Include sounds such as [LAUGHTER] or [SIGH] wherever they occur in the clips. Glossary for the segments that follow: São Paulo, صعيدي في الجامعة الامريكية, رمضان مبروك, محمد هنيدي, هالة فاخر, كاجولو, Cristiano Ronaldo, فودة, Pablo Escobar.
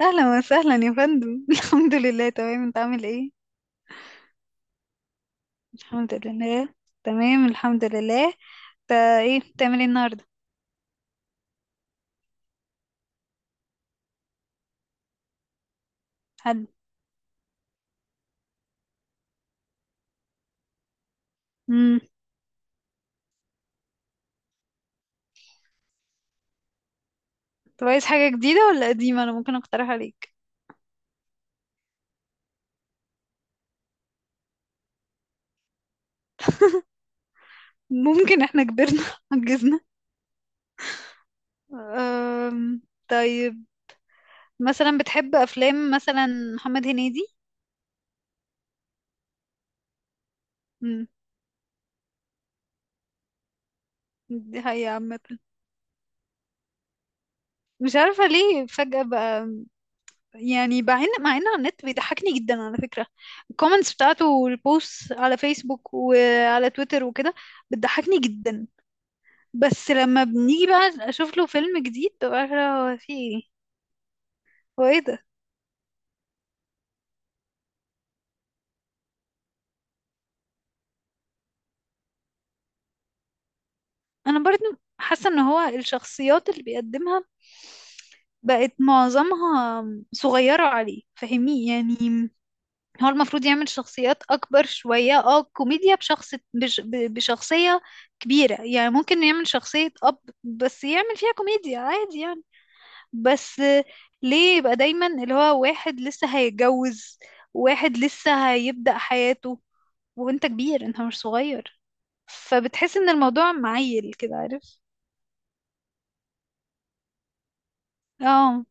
اهلا وسهلا يا فندم [LAUGHS] الحمد لله تمام، انت عامل ايه؟ الحمد لله تمام، الحمد لله. انت ايه بتعمل ايه النهارده؟ حد امم طب عايز حاجه جديده ولا قديمه؟ انا ممكن اقترح عليك. ممكن احنا كبرنا [LAUGHS] عجزنا. أم... طيب، مثلا بتحب افلام مثلا محمد هنيدي؟ امم دي حقيقة عامه، مش عارفه ليه فجاه بقى. يعني مع ان على النت بيضحكني جدا على فكرة، الكومنتس بتاعته والبوست على فيسبوك وعلى تويتر وكده بتضحكني جدا. بس لما بنيجي بقى اشوف له فيلم جديد، ببقى عارفة هو في ايه، هو ايه ده. انا برضه حاسة ان هو الشخصيات اللي بيقدمها بقت معظمها صغيرة عليه، فاهمني يعني؟ هو المفروض يعمل شخصيات اكبر شوية، اه كوميديا بشخصية كبيرة يعني. ممكن يعمل شخصية اب بس يعمل فيها كوميديا عادي يعني. بس ليه يبقى دايما اللي هو واحد لسه هيتجوز، واحد لسه هيبدأ حياته، وانت كبير، انت مش صغير، فبتحس ان الموضوع معيل كده، عارف؟ اه.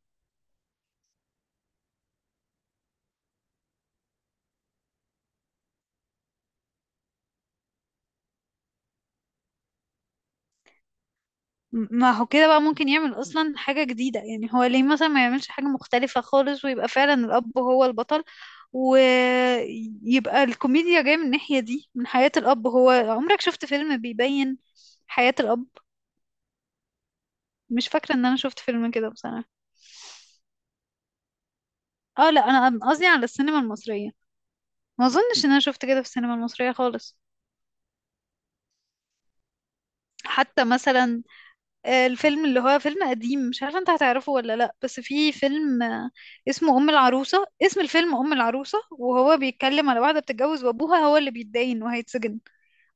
ما هو كده بقى ممكن يعمل اصلا حاجة جديدة. يعني هو ليه مثلا ما يعملش حاجة مختلفة خالص ويبقى فعلا الاب هو البطل، ويبقى الكوميديا جاية من الناحية دي، من حياة الاب؟ هو عمرك شفت فيلم بيبين حياة الاب؟ مش فاكرة ان انا شفت فيلم كده بصراحة. اه لا، أنا قصدي على السينما المصرية، ما اظنش ان انا شفت كده في السينما المصرية خالص. حتى مثلا الفيلم اللي هو فيلم قديم، مش عارفة انت هتعرفه ولا لا، بس في فيلم اسمه أم العروسة. اسم الفيلم أم العروسة، وهو بيتكلم على واحدة بتتجوز وأبوها هو اللي بيتدين وهيتسجن.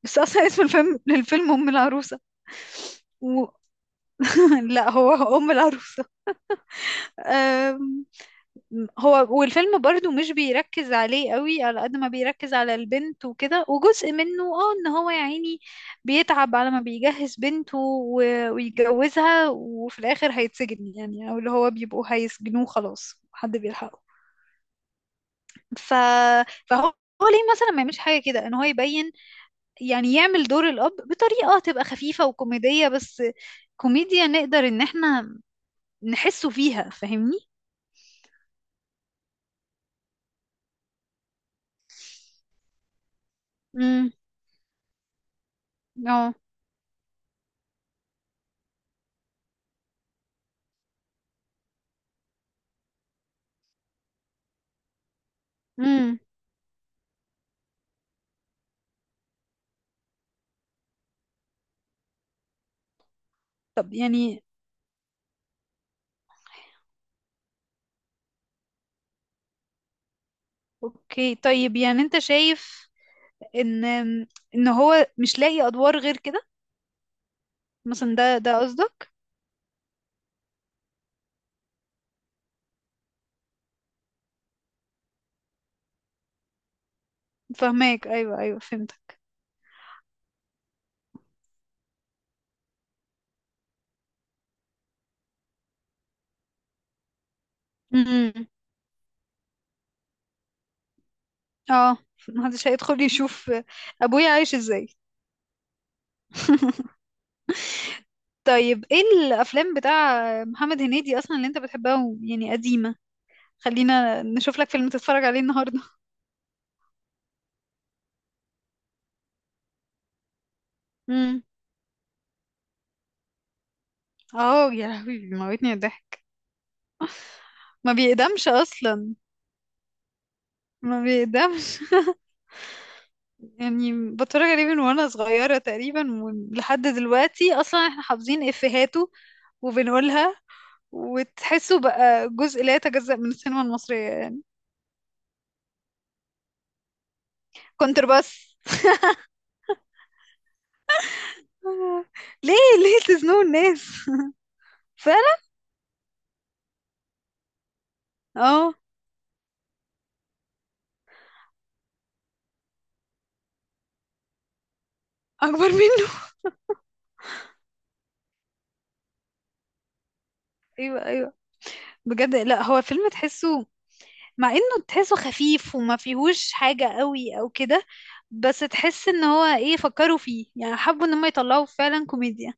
بس أصلا اسم الفيلم [LAUGHS] للفيلم أم العروسة. و... [LAUGHS] لا، هو أم العروسة. هو والفيلم برضو مش بيركز عليه قوي على قد ما بيركز على البنت وكده، وجزء منه اه ان هو يا عيني بيتعب على ما بيجهز بنته ويتجوزها، وفي الاخر هيتسجن يعني، او اللي هو بيبقوا هيسجنوه خلاص، حد بيلحقه. ف... فهو، هو ليه مثلا ما يعملش حاجة كده، ان هو يبين يعني يعمل دور الاب بطريقة تبقى خفيفة وكوميدية، بس كوميديا نقدر ان احنا نحسه فيها، فاهمني؟ امم. اه. امم. طب يعني اوكي طيب، يعني انت شايف ان ان هو مش لاقي ادوار غير كده مثلا؟ ده قصدك؟ فهماك، ايوه ايوه، فهمتك. امم. اه محدش هيدخل يشوف ابويا عايش ازاي. [LAUGHS] طيب ايه الافلام بتاع محمد هنيدي اصلا اللي انت بتحبها يعني قديمة؟ خلينا نشوف لك فيلم تتفرج عليه النهارده. امم. اه، يا لهوي بيموتني الضحك. ما بيقدمش اصلا، ما بيقدمش. [LAUGHS] يعني بتفرج عليه من وانا صغيرة تقريبا لحد دلوقتي، اصلا احنا حافظين افيهاته وبنقولها، وتحسه بقى جزء لا يتجزأ من السينما المصرية يعني. كونترباس. [LAUGHS] ليه ليه تزنون الناس؟ [LAUGHS] فعلا. اه. اكبر منه. [LAUGHS] ايوه ايوه، بجد. لا هو فيلم تحسه، مع انه تحسه خفيف وما فيهوش حاجة قوي او كده، بس تحس ان هو ايه فكروا فيه يعني، حبوا ان هم يطلعوا فعلا كوميديا.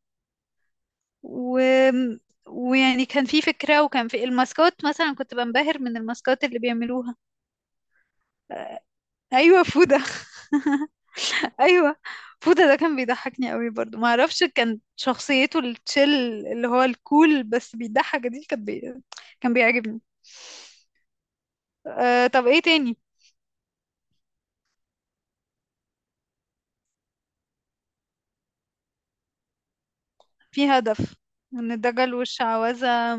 و... ويعني كان في فكرة، وكان في الماسكات مثلا، كنت بنبهر من الماسكات اللي بيعملوها. ايوه فودة. [LAUGHS] ايوه فودة ده كان بيضحكني قوي برضو. ما اعرفش، كان شخصيته التشيل اللي هو الكول بس بيضحك دي، كان كان بيعجبني. أه طب ايه تاني؟ في هدف، من الدجل والشعوذة،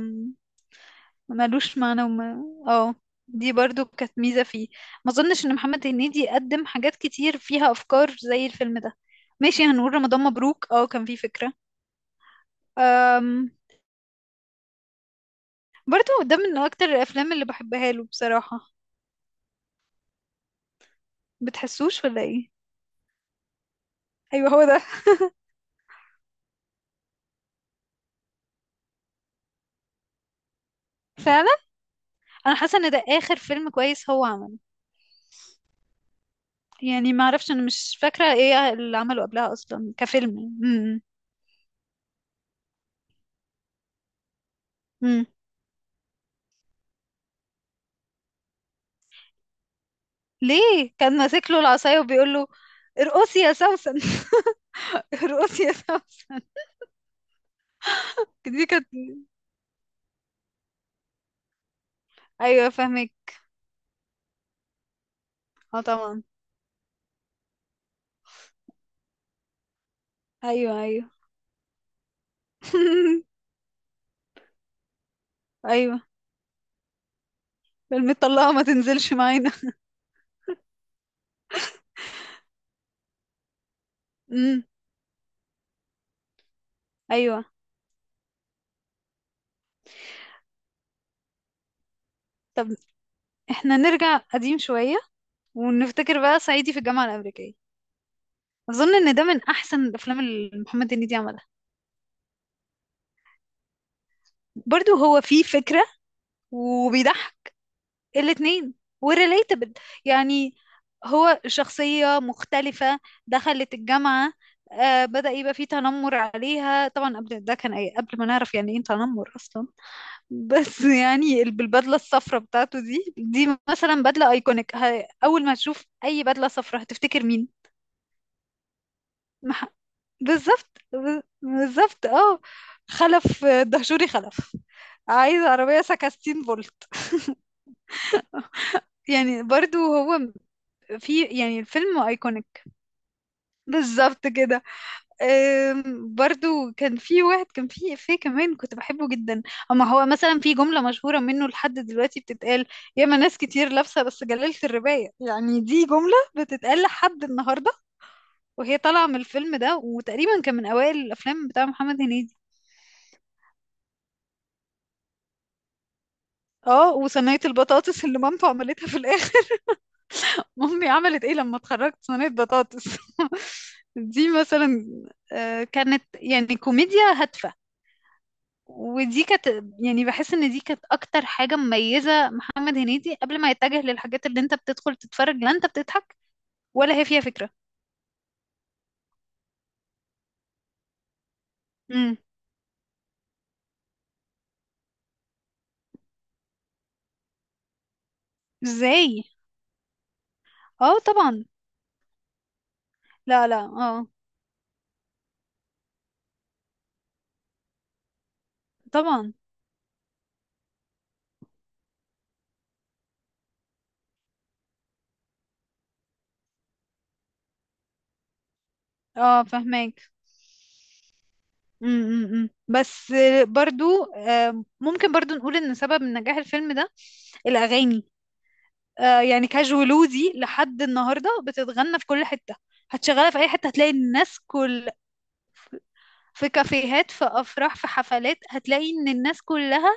ملوش معنى. وما اه دي برضو كانت ميزة فيه. ما اظنش ان محمد هنيدي قدم حاجات كتير فيها افكار زي الفيلم ده. ماشي، هنقول رمضان مبروك، اه كان فيه فكرة. أم... برضو ده من اكتر الافلام اللي بحبها له بصراحة. بتحسوش ولا ايه؟ ايوه، هو ده، فعلا. انا حاسه ان ده اخر فيلم كويس هو عمله. يعني ما اعرفش، انا مش فاكره ايه اللي عمله قبلها اصلا كفيلم. امم. امم. ليه كان ماسك له العصايه وبيقول له ارقصي يا سوسن؟ [LAUGHS] ارقصي يا سوسن. دي كانت، ايوه فاهمك، اه طبعا. ايوه ايوه. [LAUGHS] ايوه، المطلقه ما تنزلش معانا. امم. ايوه. طب احنا نرجع قديم شويه ونفتكر بقى صعيدي في الجامعه الامريكيه. اظن ان ده من احسن الافلام اللي محمد هنيدي عملها. برضو هو فيه فكره وبيضحك الاتنين، وريليتابل يعني. هو شخصيه مختلفه دخلت الجامعه، آه بدأ يبقى فيه تنمر عليها طبعا، قبل ده كان، أي قبل ما نعرف يعني ايه تنمر اصلا. بس [LAUGHS] يعني بالبدله الصفراء بتاعته دي، دي مثلا بدله ايكونيك. اول ما تشوف اي بدله صفراء هتفتكر مين؟ مح... بالظبط، اه. خلف، دهشوري خلف. عايز عربيه سكستين فولت. يعني برضو هو في يعني الفيلم ايكونيك. بالظبط كده. برضو كان في واحد، كان في إفيه كمان كنت بحبه جدا، اما هو مثلا في جملة مشهورة منه لحد دلوقتي بتتقال: ياما ناس كتير لابسة بس جلالة الرباية. يعني دي جملة بتتقال لحد النهاردة، وهي طالعة من الفيلم ده، وتقريبا كان من أوائل الأفلام بتاع محمد هنيدي. اه، وصينية البطاطس اللي مامته عملتها في الآخر. [LAUGHS] مامي عملت ايه لما اتخرجت؟ صينية بطاطس. [LAUGHS] دي مثلا كانت يعني كوميديا هادفة. ودي كانت، يعني بحس ان دي كانت اكتر حاجة مميزة محمد هنيدي قبل ما يتجه للحاجات اللي انت بتدخل تتفرج لا انت بتضحك ولا هي فيها فكرة. امم. ازاي؟ اه طبعا. لا لا، اه طبعا. اه فهماك. امم. بس برضو ممكن برضو نقول ان سبب نجاح الفيلم ده الاغاني. يعني كاجولو دي لحد النهارده بتتغنى في كل حتة. هتشغلها في اي حتة هتلاقي الناس كل، في كافيهات، في افراح، في حفلات، هتلاقي ان الناس كلها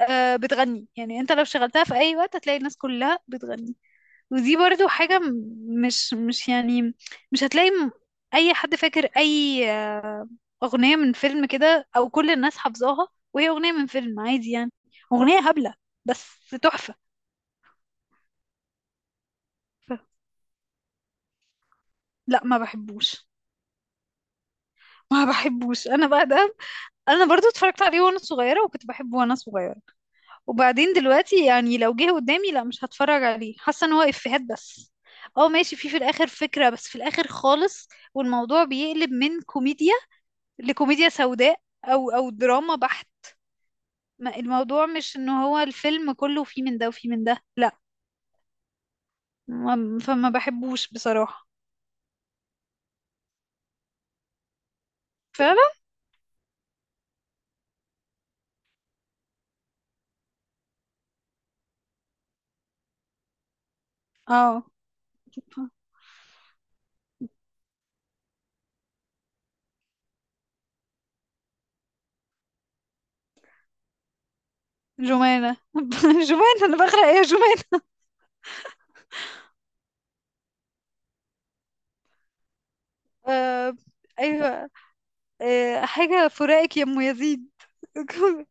بتغني. يعني انت لو شغلتها في اي وقت هتلاقي الناس كلها بتغني. ودي برضو حاجة مش يعني مش هتلاقي اي حد فاكر اي اغنية من فيلم كده، او كل الناس حافظاها وهي اغنية من فيلم عادي يعني. اغنية هبلة بس تحفة. ف- لا، ما بحبوش. ما بحبوش انا بقى ده. انا برضو اتفرجت عليه وانا صغيرة وكنت بحبه وانا صغيرة، وبعدين دلوقتي يعني لو جه قدامي لا مش هتفرج عليه، حاسه ان هو افيهات بس. اه ماشي، في في الاخر فكره بس في الاخر خالص، والموضوع بيقلب من كوميديا لكوميديا سوداء او دراما بحت. الموضوع مش ان هو الفيلم كله فيه من ده وفيه من ده، لا. فما بحبوش بصراحه. فعلا. اه. جمانة. [LAUGHS] جمانة، انا بغرق ايه يا جمانة. آه، ايوه. آه، حاجة فراقك يا ام يزيد. [LAUGHS]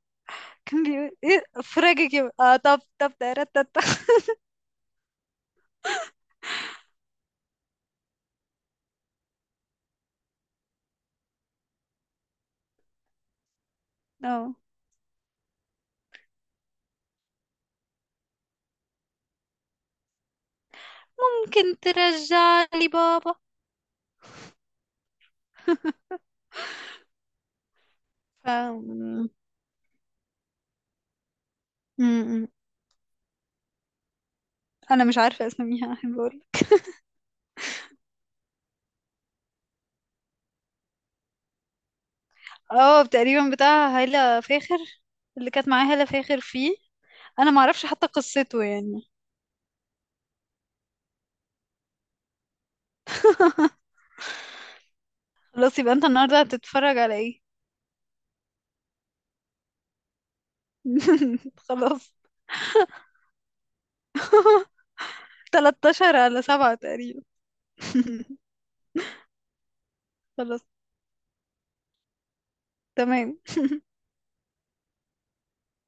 كان بيقول ايه؟ فراجي كده اه، طب طب ترتت. اه، ممكن ترجع لي بابا. ف م- م- انا مش عارفه اسميها، احب اقول. اه تقريبا بتاع هالة فاخر، اللي كانت معايا هالة فاخر فيه. انا ما اعرفش حتى قصته يعني. [LAUGHS] خلاص، يبقى انت النهارده هتتفرج على ايه؟ [LAUGHS] خلاص. [LAUGHS] 13 على 7 تقريبا. [LAUGHS] خلاص، تمام.